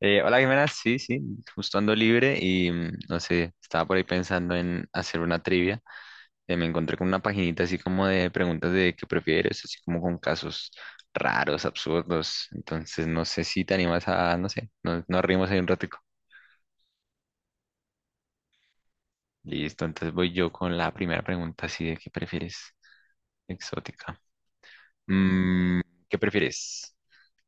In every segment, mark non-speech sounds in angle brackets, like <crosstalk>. Hola Jimena, sí, sí, justo ando libre y no sé, estaba por ahí pensando en hacer una trivia. Me encontré con una paginita así como de preguntas de qué prefieres, así como con casos raros, absurdos. Entonces no sé si te animas a, no sé, no, nos rimos ahí un ratico. Listo, entonces voy yo con la primera pregunta así de qué prefieres, exótica. Mm, ¿Qué prefieres?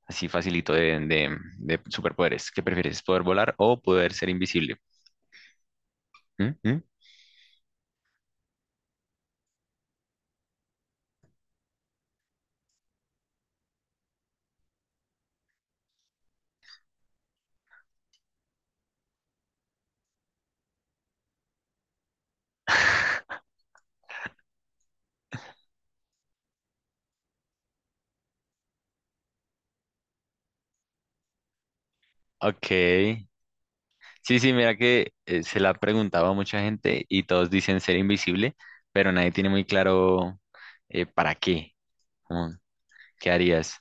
Así facilito de superpoderes. ¿Qué prefieres? ¿Poder volar o poder ser invisible? ¿Mm? ¿Mm? Ok. Sí, sí, mira que se la ha preguntado a mucha gente y todos dicen ser invisible, pero nadie tiene muy claro para qué, como, qué harías.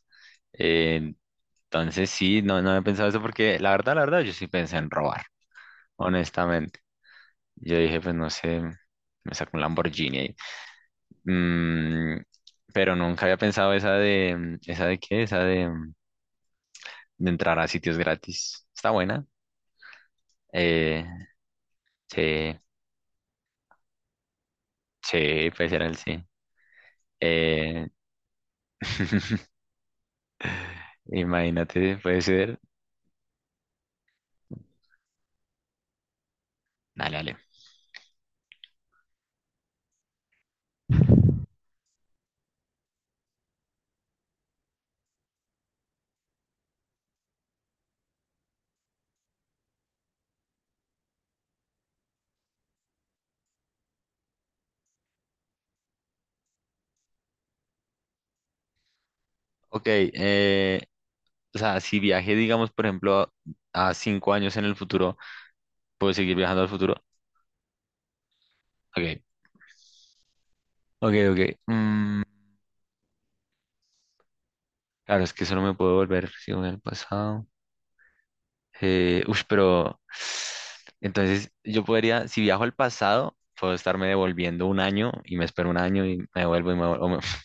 Eh, entonces sí, no, no he pensado eso porque la verdad, yo sí pensé en robar, honestamente. Yo dije, pues no sé, me saco un Lamborghini ahí. Mm, pero nunca había pensado esa de, ¿esa de qué? Esa de, de entrar a sitios gratis. Está buena. Eh, sí, sí, puede ser el sí. Eh, <laughs> Imagínate, puede ser. Dale, dale. Ok, o sea, si viaje, digamos, por ejemplo, a cinco años en el futuro, ¿puedo seguir viajando al futuro? Ok, ok, ok. Claro, es que solo me puedo volver si voy al pasado. Pero entonces yo podría, si viajo al pasado, puedo estarme devolviendo un año y me espero un año y me vuelvo y me vuelvo. <laughs>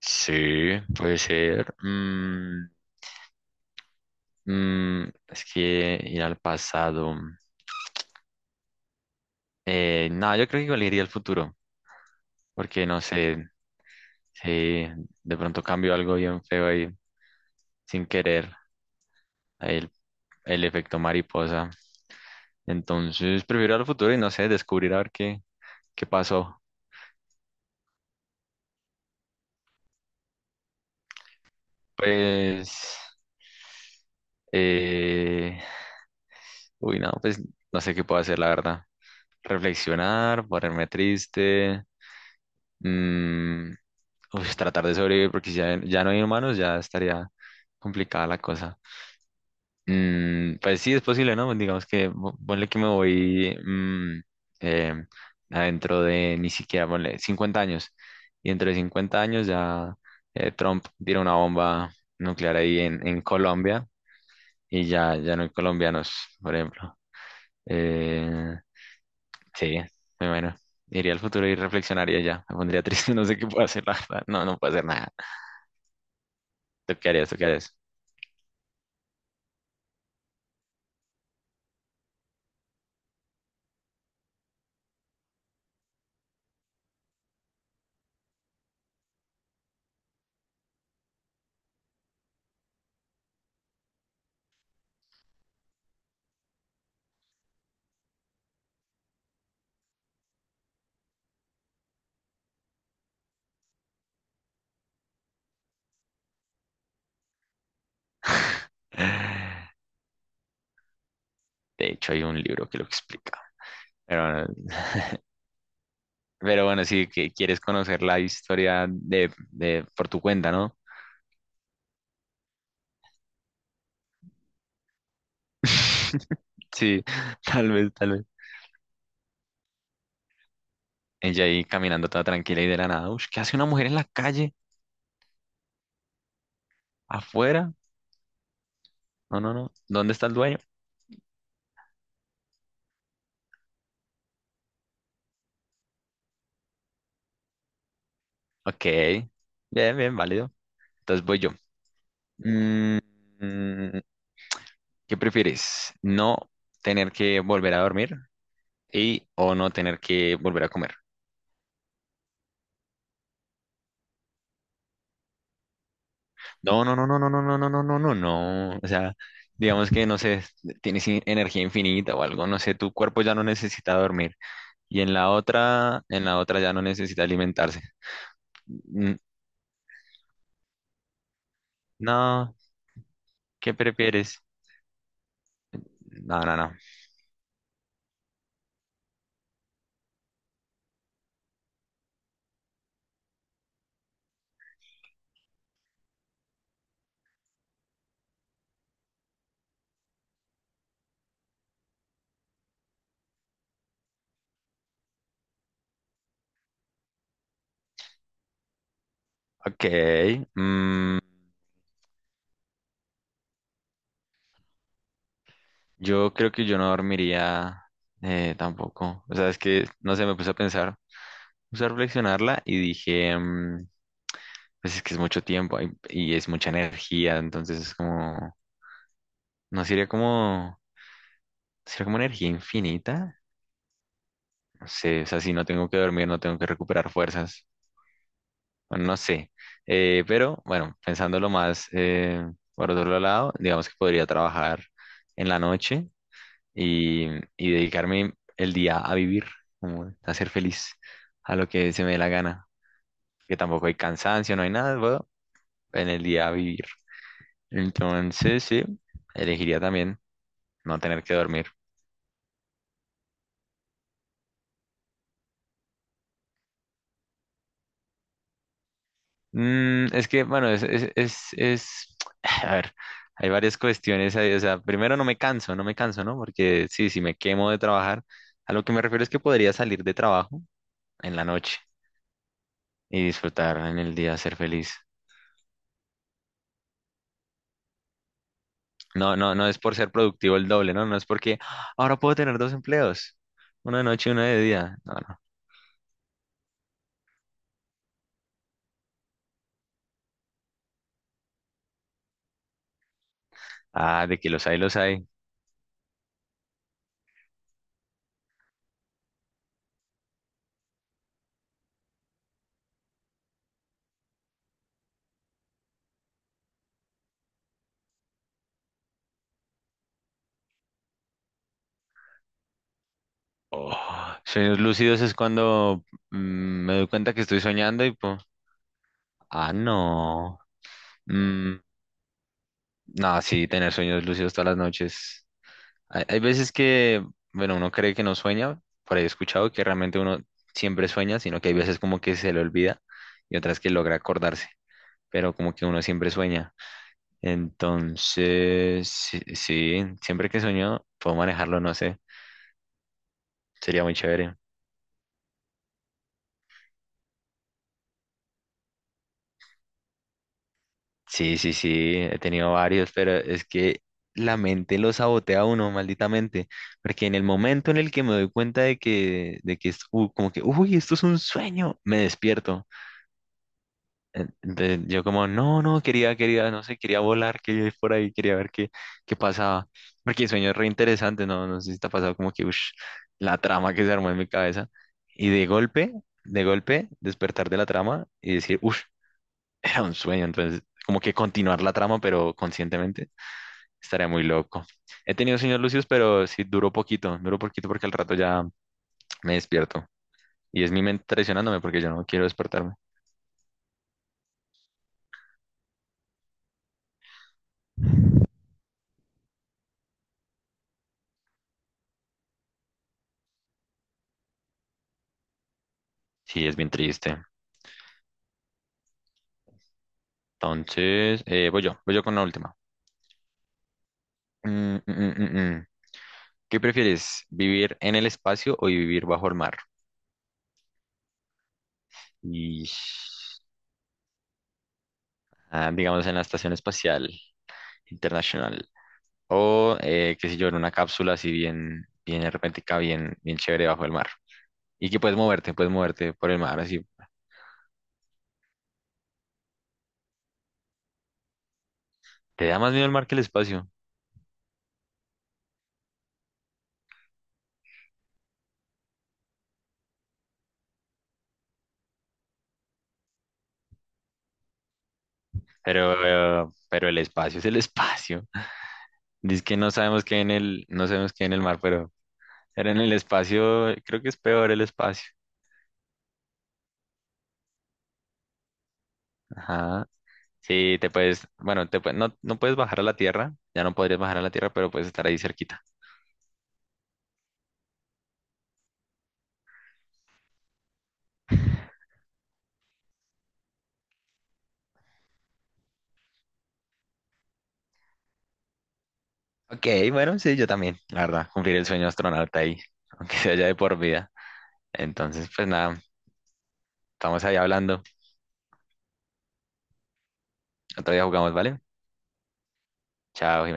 Sí, puede ser. Es que ir al pasado. No, yo creo que igual iría al futuro, porque no sé si de pronto cambio algo bien feo ahí sin querer, ahí el efecto mariposa. Entonces prefiero ir al futuro y no sé, descubrir a ver qué, qué pasó. Pues, eh, uy, no, pues no sé qué puedo hacer, la verdad. Reflexionar, ponerme triste, mm, uy, tratar de sobrevivir, porque si ya, ya no hay humanos, ya estaría complicada la cosa. Pues sí, es posible, ¿no? Digamos que po- ponle que me voy eh, adentro de ni siquiera, ponle 50 años. Y dentro de 50 años ya Trump tira una bomba nuclear ahí en Colombia y ya, ya no hay colombianos, por ejemplo. Eh, sí, muy bueno. Iría al futuro y reflexionaría ya. Me pondría triste, <laughs> no sé qué puedo hacer, la verdad. No, no puedo hacer nada. ¿Tú qué harías? ¿Tú qué harías? De hecho, hay un libro que lo explica. Pero bueno, pero bueno, sí, que quieres conocer la historia de por tu cuenta, ¿no? <laughs> Sí, tal vez, tal vez. Ella ahí caminando toda tranquila y de la nada. Ush, ¿qué hace una mujer en la calle? ¿Afuera? No, no, no. ¿Dónde está el dueño? Ok. Bien, bien, válido. Entonces voy yo. Mm, mm, ¿Qué prefieres? ¿No tener que volver a dormir y o no tener que volver a comer? No, no, no, no, no, no, no, no, no, no, no, no. O sea, digamos que, no sé, tienes in- energía infinita o algo, no sé, tu cuerpo ya no necesita dormir. Y en la otra ya no necesita alimentarse. Mm, No, ¿qué prefieres? No, no, no. Ok. mm, yo creo que yo no dormiría tampoco. O sea, es que, no sé, me puse a pensar, puse a reflexionarla y dije, pues es que es mucho tiempo y es mucha energía, entonces es como, no sería como... Será como energía infinita. No sé, o sea, si no tengo que dormir, no tengo que recuperar fuerzas. Bueno, no sé. Pero bueno, pensándolo más por otro lado, digamos que podría trabajar en la noche y, y dedicarme el día a vivir, como a ser feliz, a lo que se me dé la gana. Que tampoco hay cansancio, no hay nada, bueno, en el día a vivir. Entonces, sí, elegiría también no tener que dormir. Es que, bueno, es- <tsk> a ver, hay varias cuestiones ahí, o sea, primero no me canso, no me canso, ¿no? Porque sí, si me quemo de trabajar, a lo que me refiero es que podría salir de trabajo en la noche y disfrutar en el día, ser feliz. No, no, no es por ser productivo el doble, ¿no? No es porque "Ah, ahora puedo tener dos empleos, uno de noche y uno de día. No, no. Ah, de que los hay, los hay. Oh, sueños lúcidos es cuando me doy cuenta que estoy soñando y pues, ah, no. Mm, No, sí, tener sueños lúcidos todas las noches. Hay veces que, bueno, uno cree que no sueña, por ahí he escuchado que realmente uno siempre sueña, sino que hay veces como que se le olvida y otras que logra acordarse, pero como que uno siempre sueña. Entonces, sí, sí, siempre que sueño, puedo manejarlo, no sé, sería muy chévere. Sí, sí, sí, he tenido varios, pero es que la mente lo sabotea a uno, malditamente, porque en el momento en el que me doy cuenta de que es como que, uy, esto es un sueño, me despierto. En- Entonces yo como, no, no, quería, quería, no sé, quería volar, quería ir por ahí, quería ver qué, qué pasaba, porque el sueño es re interesante, no, no sé si te ha pasado como que, ush, la trama que se armó en mi cabeza, y de golpe, despertar de la trama y decir, uff era un sueño, entonces como que continuar la trama, pero conscientemente, estaría muy loco. He tenido sueños lúcidos, pero sí duró poquito porque al rato ya me despierto. Y es mi mente traicionándome porque yo no quiero despertarme. Sí, es bien triste. Entonces, voy yo con la última. Mm, mm, mm, mm, mm. ¿Qué prefieres, vivir en el espacio o vivir bajo el mar? Y, ah, digamos, en la Estación Espacial Internacional. O, qué sé yo, en una cápsula así bien, bien hermética, bien, bien chévere bajo el mar. Y que puedes moverte por el mar, así. Te da más miedo el mar que el espacio, pero el espacio es el espacio. <laughs> Dice que no sabemos qué hay en el, no sabemos qué hay en el mar, pero en el espacio creo que es peor el espacio. Ajá. Sí, te puedes, bueno, te pue- no, no puedes bajar a la tierra, ya no podrías bajar a la tierra, pero puedes estar ahí cerquita. Ok, bueno, sí, yo también, la verdad, cumplir el sueño astronauta ahí, <laughs> aunque sea ya de por vida. Entonces, pues nada, estamos ahí hablando. Otro día jugamos, ¿vale? Chao, Jimena.